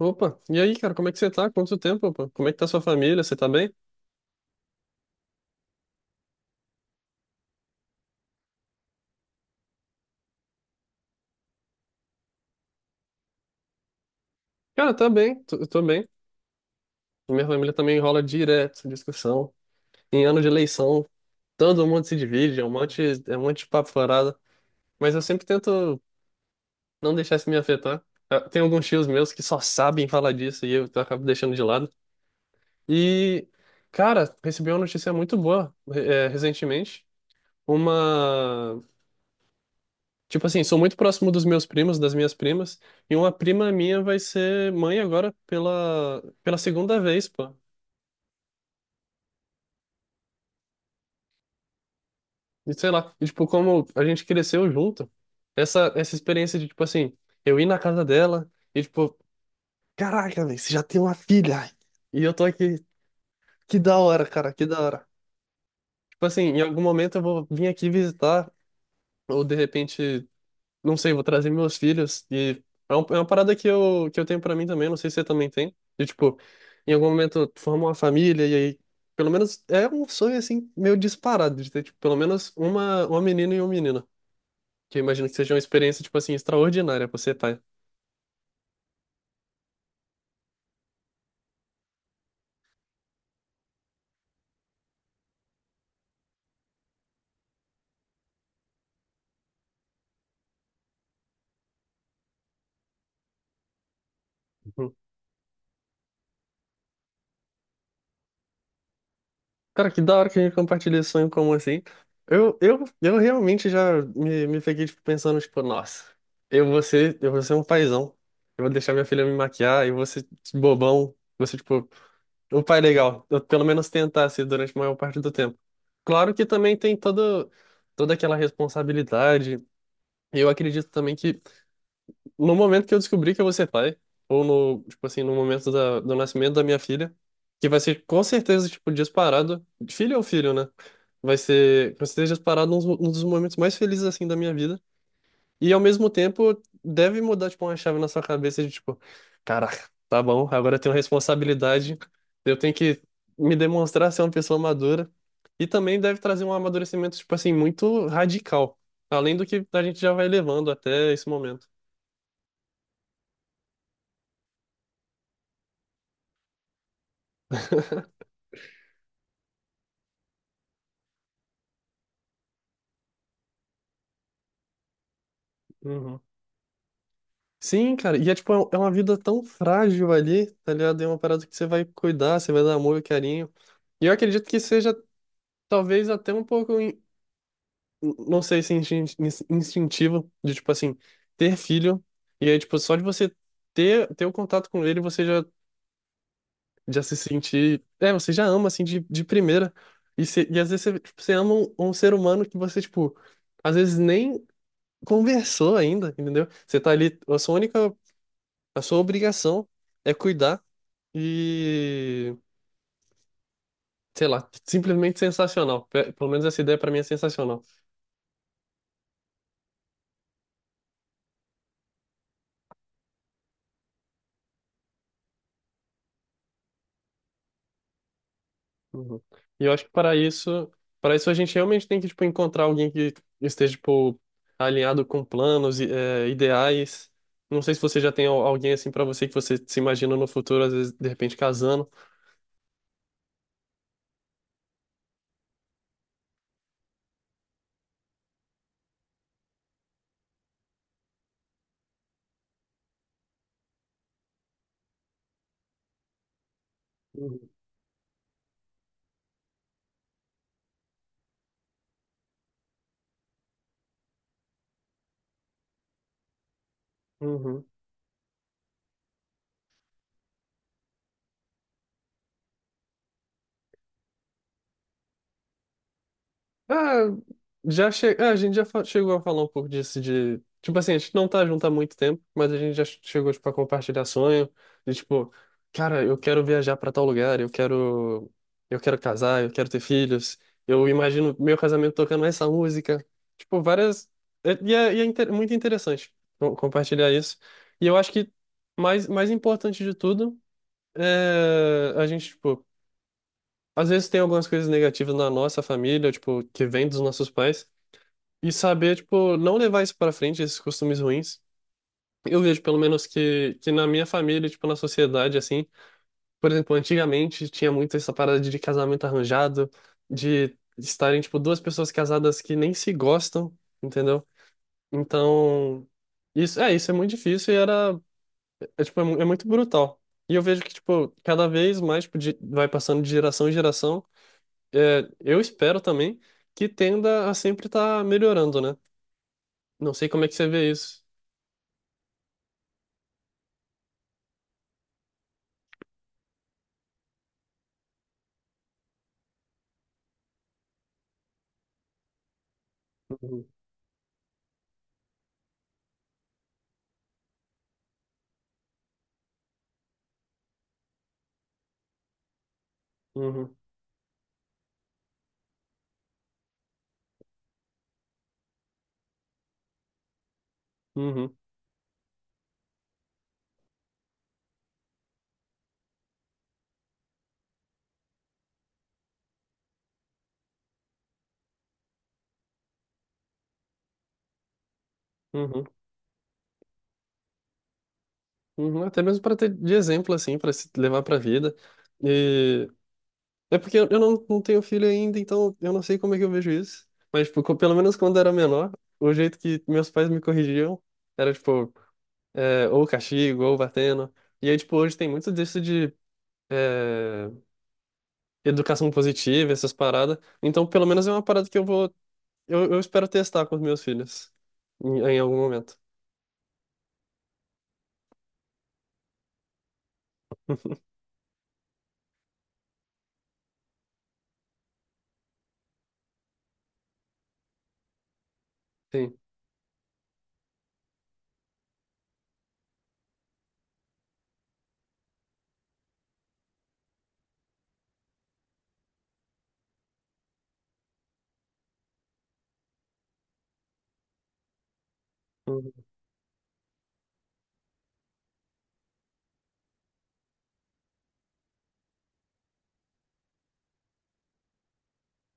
Opa, e aí, cara, como é que você tá? Quanto tempo, pô? Como é que tá sua família? Você tá bem? Cara, tá bem, tô, eu tô bem. Minha família também rola direto, discussão. Em ano de eleição, todo mundo se divide, é um monte de papo furado. Mas eu sempre tento não deixar isso me afetar. Ah, tem alguns tios meus que só sabem falar disso e eu acabo deixando de lado. E, cara, recebi uma notícia muito boa, recentemente. Uma. Tipo assim, sou muito próximo dos meus primos, das minhas primas, e uma prima minha vai ser mãe agora pela segunda vez, pô. E sei lá, e, tipo, como a gente cresceu junto, essa experiência de, tipo assim, eu ir na casa dela e, tipo, caraca, velho, você já tem uma filha. E eu tô aqui, que da hora, cara, que da hora. Tipo assim, em algum momento eu vou vir aqui visitar, ou de repente, não sei, vou trazer meus filhos. E é uma parada que eu tenho pra mim também, não sei se você também tem. De, tipo, em algum momento tu forma uma família e aí, pelo menos, é um sonho, assim, meio disparado, de ter, tipo, pelo menos uma menina e um menino. Que eu imagino que seja uma experiência, tipo assim, extraordinária pra você, tá? Uhum. Cara, que da hora que a gente compartilha esse sonho comum, assim. Eu realmente já me peguei, tipo, pensando, tipo, nossa, eu vou ser um paizão. Eu vou deixar minha filha me maquiar, eu vou ser bobão, você, tipo. O pai é legal. Eu, pelo menos tentasse durante a maior parte do tempo. Claro que também tem todo, toda aquela responsabilidade. Eu acredito também que no momento que eu descobrir que eu vou ser pai, ou no, tipo assim, no momento do nascimento da minha filha, que vai ser com certeza, tipo, disparado, filho ou filho, né? Vai ser com certeza disparado um dos momentos mais felizes, assim, da minha vida. E ao mesmo tempo, deve mudar, tipo, uma chave na sua cabeça de, tipo, caraca, tá bom, agora eu tenho responsabilidade, eu tenho que me demonstrar ser uma pessoa madura. E também deve trazer um amadurecimento, tipo assim, muito radical. Além do que a gente já vai levando até esse momento. Uhum. Sim, cara, e é tipo, é um, é uma vida tão frágil ali, tá ligado? É uma parada que você vai cuidar, você vai dar amor e carinho. E eu acredito que seja talvez até um pouco, não sei se é instintivo de, tipo assim, ter filho. E aí, tipo, só de você ter o contato com ele, você já, já se sentir. É, você já ama, assim, de primeira. E, e às vezes você, tipo, você ama um, um ser humano que você, tipo, às vezes nem conversou ainda, entendeu? Você tá ali, a sua única, a sua obrigação é cuidar e, sei lá, simplesmente sensacional. Pelo menos essa ideia pra mim é sensacional. Uhum. E eu acho que para isso a gente realmente tem que, tipo, encontrar alguém que esteja, tipo, alinhado com planos, e, ideais. Não sei se você já tem alguém assim para você que você se imagina no futuro, às vezes, de repente, casando. Uhum. Uhum. Ah, a gente chegou a falar um pouco disso de. Tipo assim, a gente não tá junto há muito tempo, mas a gente já chegou, tipo, a compartilhar sonho. De tipo, cara, eu quero viajar pra tal lugar, eu quero. Eu quero casar, eu quero ter filhos. Eu imagino meu casamento tocando essa música. Tipo, várias. E é muito interessante compartilhar isso. E eu acho que mais importante de tudo é a gente, tipo, às vezes tem algumas coisas negativas na nossa família, tipo, que vem dos nossos pais. E saber, tipo, não levar isso pra frente, esses costumes ruins. Eu vejo, pelo menos, que na minha família, tipo, na sociedade, assim, por exemplo, antigamente tinha muito essa parada de casamento arranjado, de estarem, tipo, duas pessoas casadas que nem se gostam, entendeu? Então, isso é muito difícil e era, é, tipo, é, é muito brutal. E eu vejo que, tipo, cada vez mais, tipo, vai passando de geração em geração, é, eu espero também que tenda a sempre estar melhorando, né? Não sei como é que você vê isso. Uhum, uhum, uhum, uhum, uhum. Até mesmo para ter de exemplo, assim, para se levar para a vida. E é porque eu não, não tenho filho ainda, então eu não sei como é que eu vejo isso. Mas, tipo, pelo menos quando eu era menor, o jeito que meus pais me corrigiam era, tipo, é, ou castigo, ou batendo. E aí, tipo, hoje tem muito disso de é, educação positiva, essas paradas. Então, pelo menos é uma parada que eu vou, eu espero testar com os meus filhos em, em algum momento. Sim. Hum.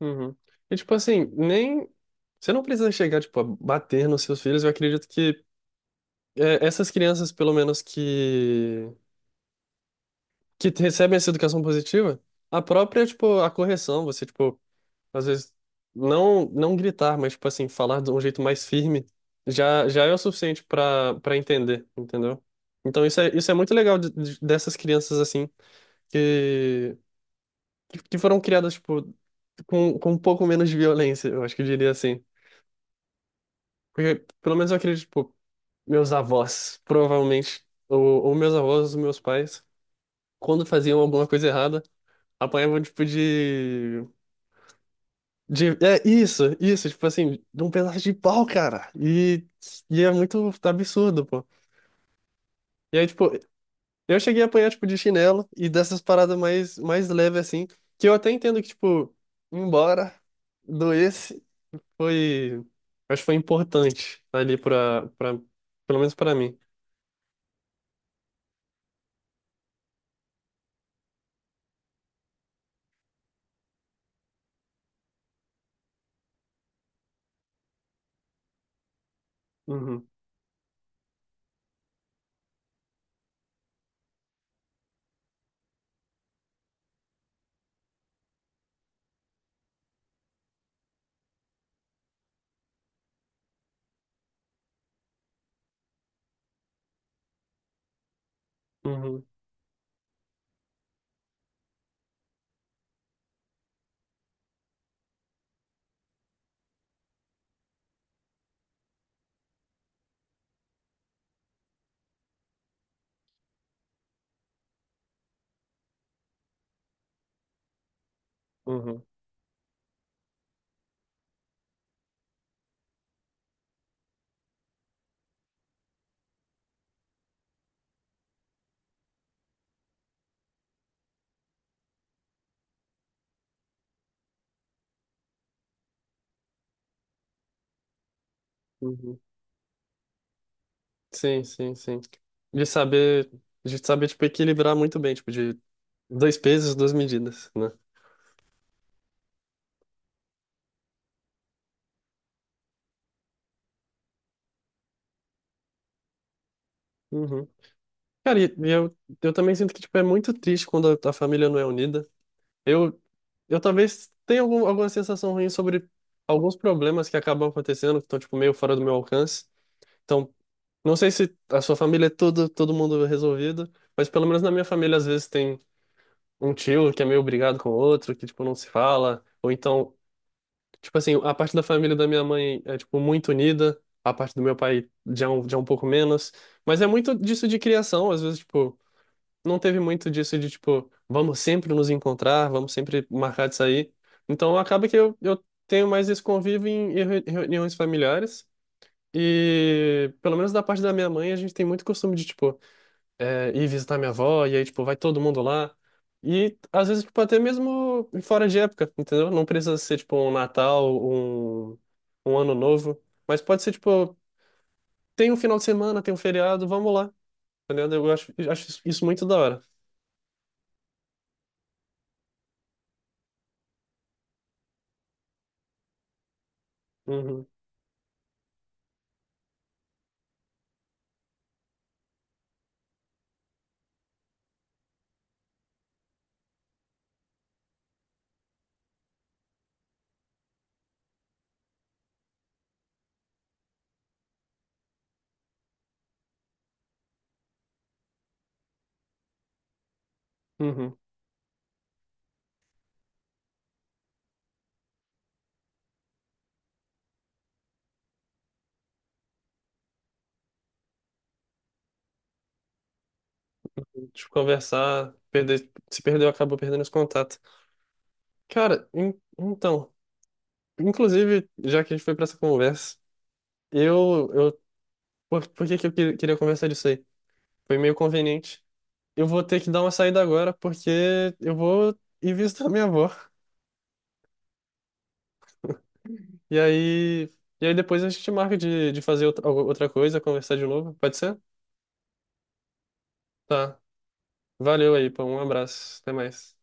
Uhum. E tipo assim, nem. Você não precisa chegar, tipo, a bater nos seus filhos. Eu acredito que é, essas crianças, pelo menos, que. Que recebem essa educação positiva, a própria, tipo, a correção, você, tipo, às vezes não, não gritar, mas, tipo assim, falar de um jeito mais firme, já, já é o suficiente pra para entender, entendeu? Então isso é muito legal dessas crianças, assim, que, que foram criadas, tipo, com um pouco menos de violência, eu acho que eu diria assim. Porque, pelo menos eu acredito, tipo, meus avós, provavelmente, ou meus avós, ou meus pais, quando faziam alguma coisa errada, apanhavam, tipo, É, isso, tipo assim, de um pedaço de pau, cara. E é muito absurdo, pô. E aí, tipo, eu cheguei a apanhar, tipo, de chinelo e dessas paradas mais, mais leves, assim, que eu até entendo que, tipo, embora doesse, foi... Acho que foi importante ali pra, pra, pelo menos pra mim. Uhum, uhum. Uhum, uhum. Sim, sim, sim. De saber, de saber, tipo, equilibrar muito bem, tipo, de dois pesos, duas medidas, né? Uhum. Cara, e eu também sinto que, tipo, é muito triste quando a família não é unida. Eu, eu talvez tenha algum, alguma sensação ruim sobre alguns problemas que acabam acontecendo, que estão, tipo, meio fora do meu alcance. Então, não sei se a sua família é todo mundo resolvido, mas pelo menos na minha família, às vezes, tem um tio que é meio brigado com o outro, que, tipo, não se fala, ou então tipo assim, a parte da família da minha mãe é, tipo, muito unida, a parte do meu pai já é um pouco menos, mas é muito disso de criação, às vezes, tipo, não teve muito disso de, tipo, vamos sempre nos encontrar, vamos sempre marcar de sair. Então, acaba que eu tenho mais esse convívio em reuniões familiares e, pelo menos da parte da minha mãe, a gente tem muito costume de, tipo, é, ir visitar minha avó, e aí, tipo, vai todo mundo lá. E às vezes, tipo, até mesmo fora de época, entendeu? Não precisa ser, tipo, um Natal, um Ano Novo, mas pode ser, tipo, tem um final de semana, tem um feriado, vamos lá, entendeu? Eu acho isso muito da hora. Uhum, uhum. Tipo, conversar, perder, se perdeu, acabou perdendo esse contato. Cara, então, inclusive, já que a gente foi pra essa conversa, eu, por, queria conversar disso aí? Foi meio conveniente. Eu vou ter que dar uma saída agora, porque eu vou ir visitar minha avó. E aí, e aí depois a gente marca de fazer outra, outra coisa, conversar de novo. Pode ser? Tá. Valeu aí, pô. Um abraço. Até mais.